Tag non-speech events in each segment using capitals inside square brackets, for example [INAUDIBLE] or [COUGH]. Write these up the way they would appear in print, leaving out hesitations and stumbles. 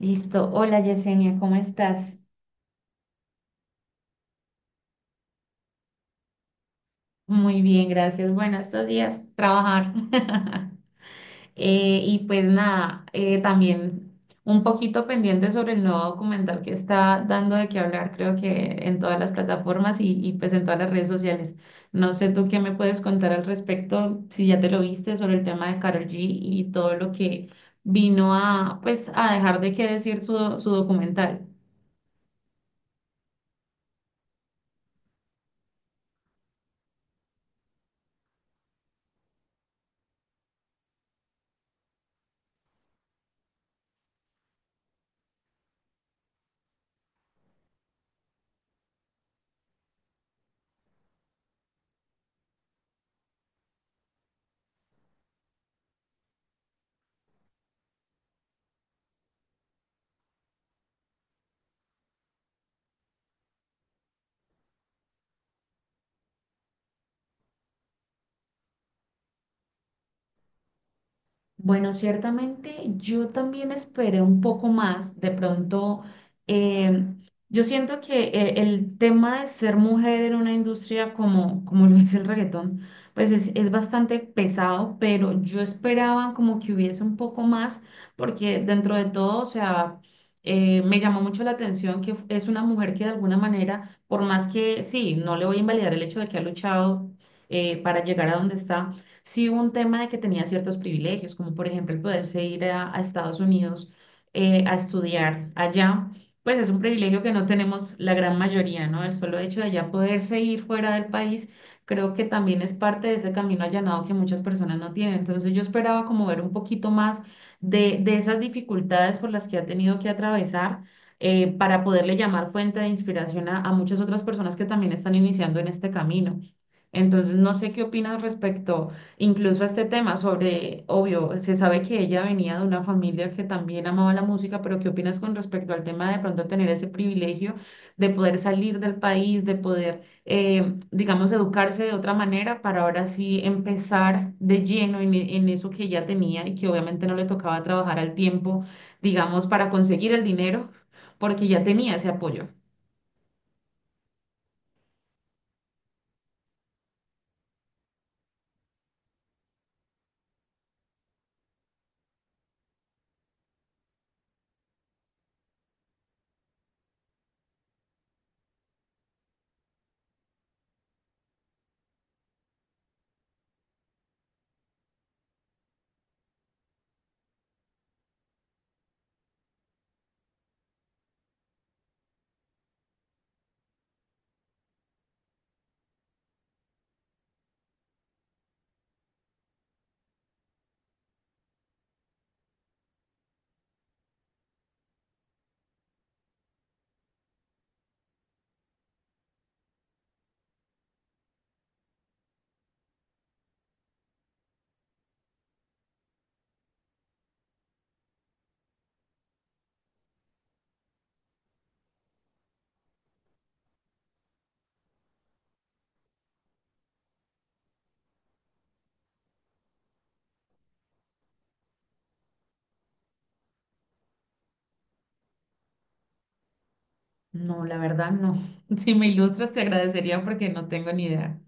Listo. Hola Yesenia, ¿cómo estás? Muy bien, gracias. Bueno, estos días trabajar. [LAUGHS] Y pues nada, también un poquito pendiente sobre el nuevo documental que está dando de qué hablar, creo que en todas las plataformas y pues en todas las redes sociales. No sé tú qué me puedes contar al respecto, si ya te lo viste sobre el tema de Karol G y todo lo que vino a pues a dejar de qué decir su documental. Bueno, ciertamente yo también esperé un poco más. De pronto, eh, yo siento que el tema de ser mujer en una industria como lo es el reggaetón, pues es bastante pesado, pero yo esperaba como que hubiese un poco más, porque dentro de todo, o sea, me llamó mucho la atención que es una mujer que de alguna manera, por más que sí, no le voy a invalidar el hecho de que ha luchado para llegar a donde está sí hubo un tema de que tenía ciertos privilegios, como por ejemplo el poderse ir a Estados Unidos a estudiar allá, pues es un privilegio que no tenemos la gran mayoría, ¿no? El solo hecho de allá poderse ir fuera del país, creo que también es parte de ese camino allanado que muchas personas no tienen. Entonces yo esperaba como ver un poquito más de esas dificultades por las que ha tenido que atravesar. Para poderle llamar fuente de inspiración a muchas otras personas que también están iniciando en este camino. Entonces, no sé qué opinas respecto. Incluso este tema sobre, obvio, se sabe que ella venía de una familia que también amaba la música, pero ¿qué opinas con respecto al tema de pronto tener ese privilegio de poder salir del país, de poder, digamos, educarse de otra manera para ahora sí empezar de lleno en, en eso que ella tenía y que obviamente no le tocaba trabajar al tiempo, digamos, para conseguir el dinero, porque ya tenía ese apoyo? No, la verdad no. [LAUGHS] Si me ilustras, te agradecería porque no tengo ni idea.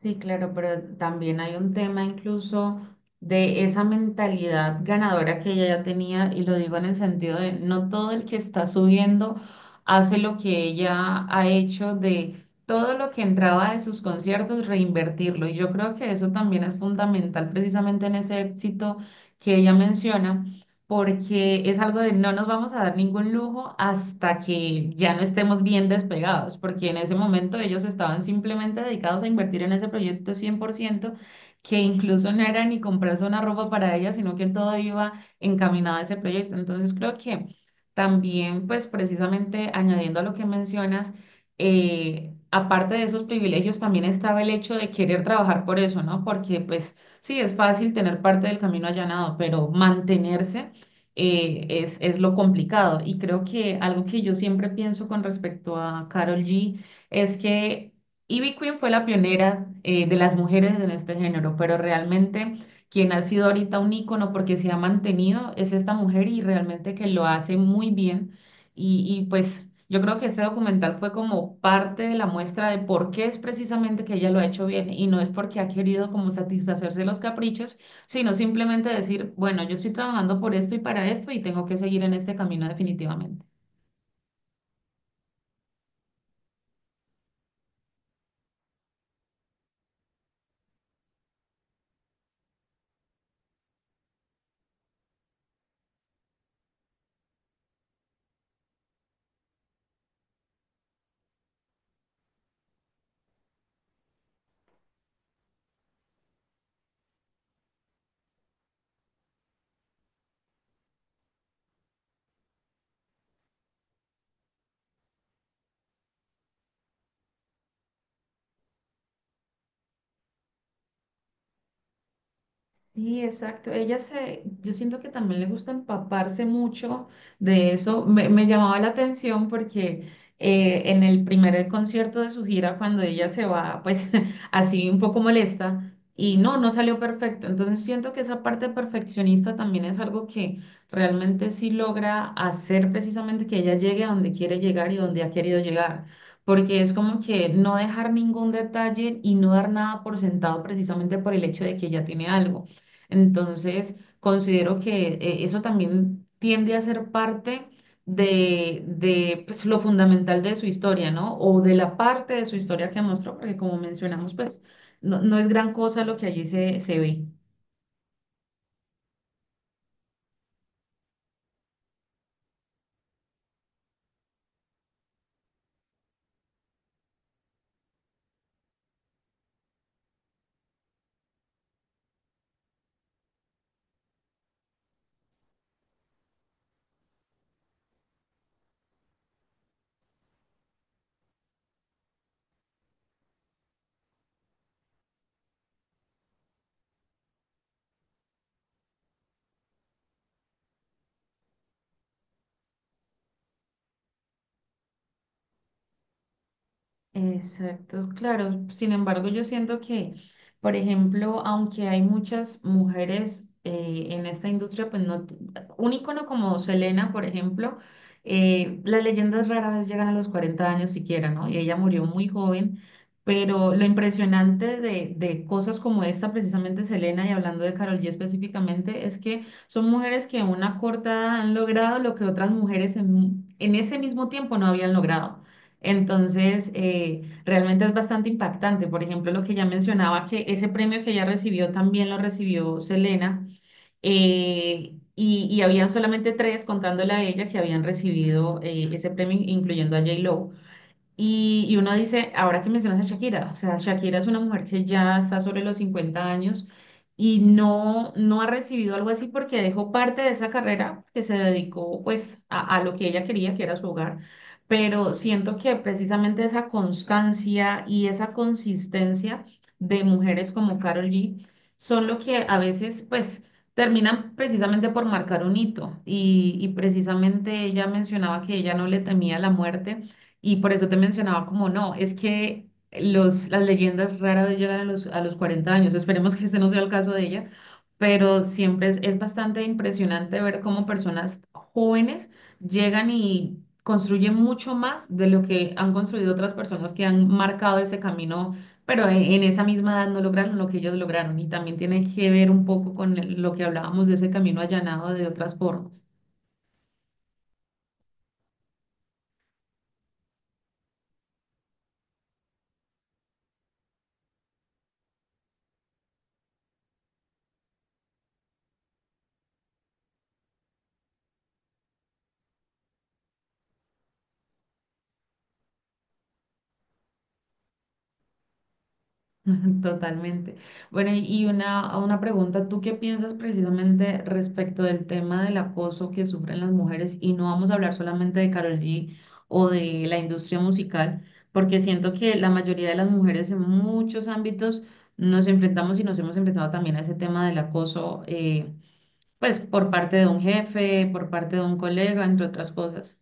Sí, claro, pero también hay un tema incluso de esa mentalidad ganadora que ella ya tenía, y lo digo en el sentido de no todo el que está subiendo hace lo que ella ha hecho de todo lo que entraba de sus conciertos, reinvertirlo. Y yo creo que eso también es fundamental precisamente en ese éxito que ella menciona porque es algo de no nos vamos a dar ningún lujo hasta que ya no estemos bien despegados, porque en ese momento ellos estaban simplemente dedicados a invertir en ese proyecto 100% que incluso no era ni comprarse una ropa para ella, sino que todo iba encaminado a ese proyecto. Entonces creo que también, pues precisamente añadiendo a lo que mencionas, aparte de esos privilegios, también estaba el hecho de querer trabajar por eso, ¿no? Porque pues sí, es fácil tener parte del camino allanado, pero mantenerse es lo complicado. Y creo que algo que yo siempre pienso con respecto a Carol G es que Ivy Queen fue la pionera de las mujeres en este género, pero realmente quien ha sido ahorita un ícono porque se ha mantenido es esta mujer y realmente que lo hace muy bien. Y pues yo creo que este documental fue como parte de la muestra de por qué es precisamente que ella lo ha hecho bien y no es porque ha querido como satisfacerse los caprichos sino simplemente decir, bueno, yo estoy trabajando por esto y para esto y tengo que seguir en este camino definitivamente. Sí, exacto. Yo siento que también le gusta empaparse mucho de eso. Me llamaba la atención porque en el primer concierto de su gira, cuando ella se va, pues [LAUGHS] así un poco molesta y no salió perfecto. Entonces siento que esa parte perfeccionista también es algo que realmente sí logra hacer precisamente que ella llegue a donde quiere llegar y donde ha querido llegar. Porque es como que no dejar ningún detalle y no dar nada por sentado precisamente por el hecho de que ella tiene algo. Entonces, considero que eso también tiende a ser parte de pues, lo fundamental de su historia, ¿no? O de la parte de su historia que mostró, porque como mencionamos, pues no, no es gran cosa lo que allí se ve. Exacto, claro. Sin embargo, yo siento que, por ejemplo, aunque hay muchas mujeres en esta industria, pues no, un ícono como Selena, por ejemplo, las leyendas rara vez llegan a los 40 años siquiera, ¿no? Y ella murió muy joven, pero lo impresionante de cosas como esta, precisamente Selena, y hablando de Karol G específicamente, es que son mujeres que a una corta edad han logrado lo que otras mujeres en ese mismo tiempo no habían logrado. Entonces, realmente es bastante impactante. Por ejemplo, lo que ya mencionaba, que ese premio que ella recibió también lo recibió Selena, y habían solamente tres, contándole a ella, que habían recibido ese premio, incluyendo a J-Lo. Y uno dice, ahora que mencionas a Shakira, o sea, Shakira es una mujer que ya está sobre los 50 años y no, no ha recibido algo así porque dejó parte de esa carrera que se dedicó pues a lo que ella quería, que era su hogar. Pero siento que precisamente esa constancia y esa consistencia de mujeres como Karol G son lo que a veces pues terminan precisamente por marcar un hito. Y precisamente ella mencionaba que ella no le temía la muerte y por eso te mencionaba como no, es que las leyendas rara vez llegan a los 40 años. Esperemos que este no sea el caso de ella, pero siempre es bastante impresionante ver cómo personas jóvenes llegan y construyen mucho más de lo que han construido otras personas que han marcado ese camino, pero en esa misma edad no lograron lo que ellos lograron. Y también tiene que ver un poco con lo que hablábamos de ese camino allanado de otras formas. [LAUGHS] Totalmente. Bueno, y una pregunta, ¿tú qué piensas precisamente respecto del tema del acoso que sufren las mujeres? Y no vamos a hablar solamente de Karol G o de la industria musical, porque siento que la mayoría de las mujeres en muchos ámbitos nos enfrentamos y nos hemos enfrentado también a ese tema del acoso, pues por parte de un jefe, por parte de un colega, entre otras cosas.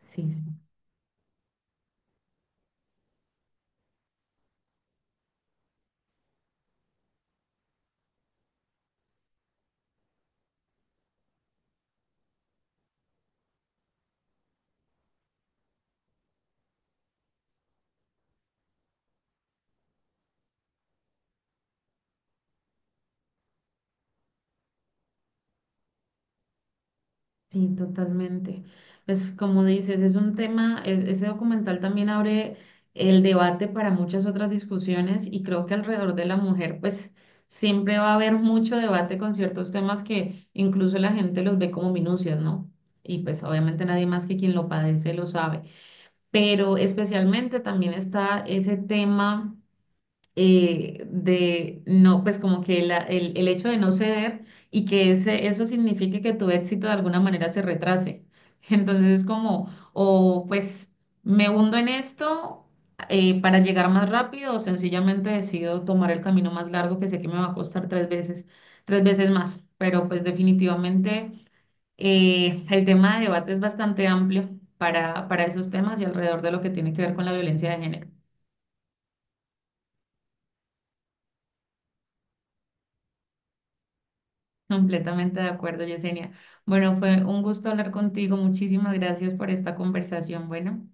Sí, sí. Sí, totalmente. Pues como dices, es un tema, ese documental también abre el debate para muchas otras discusiones y creo que alrededor de la mujer, pues siempre va a haber mucho debate con ciertos temas que incluso la gente los ve como minucias, ¿no? Y pues obviamente nadie más que quien lo padece lo sabe. Pero especialmente también está ese tema de no, pues como que el hecho de no ceder y que eso signifique que tu éxito de alguna manera se retrase. [LAUGHS] Entonces es como, o pues me hundo en esto para llegar más rápido o sencillamente decido tomar el camino más largo que sé que me va a costar tres veces más. Pero pues definitivamente el tema de debate es bastante amplio para esos temas y alrededor de lo que tiene que ver con la violencia de género. Completamente de acuerdo, Yesenia. Bueno, fue un gusto hablar contigo. Muchísimas gracias por esta conversación. Bueno.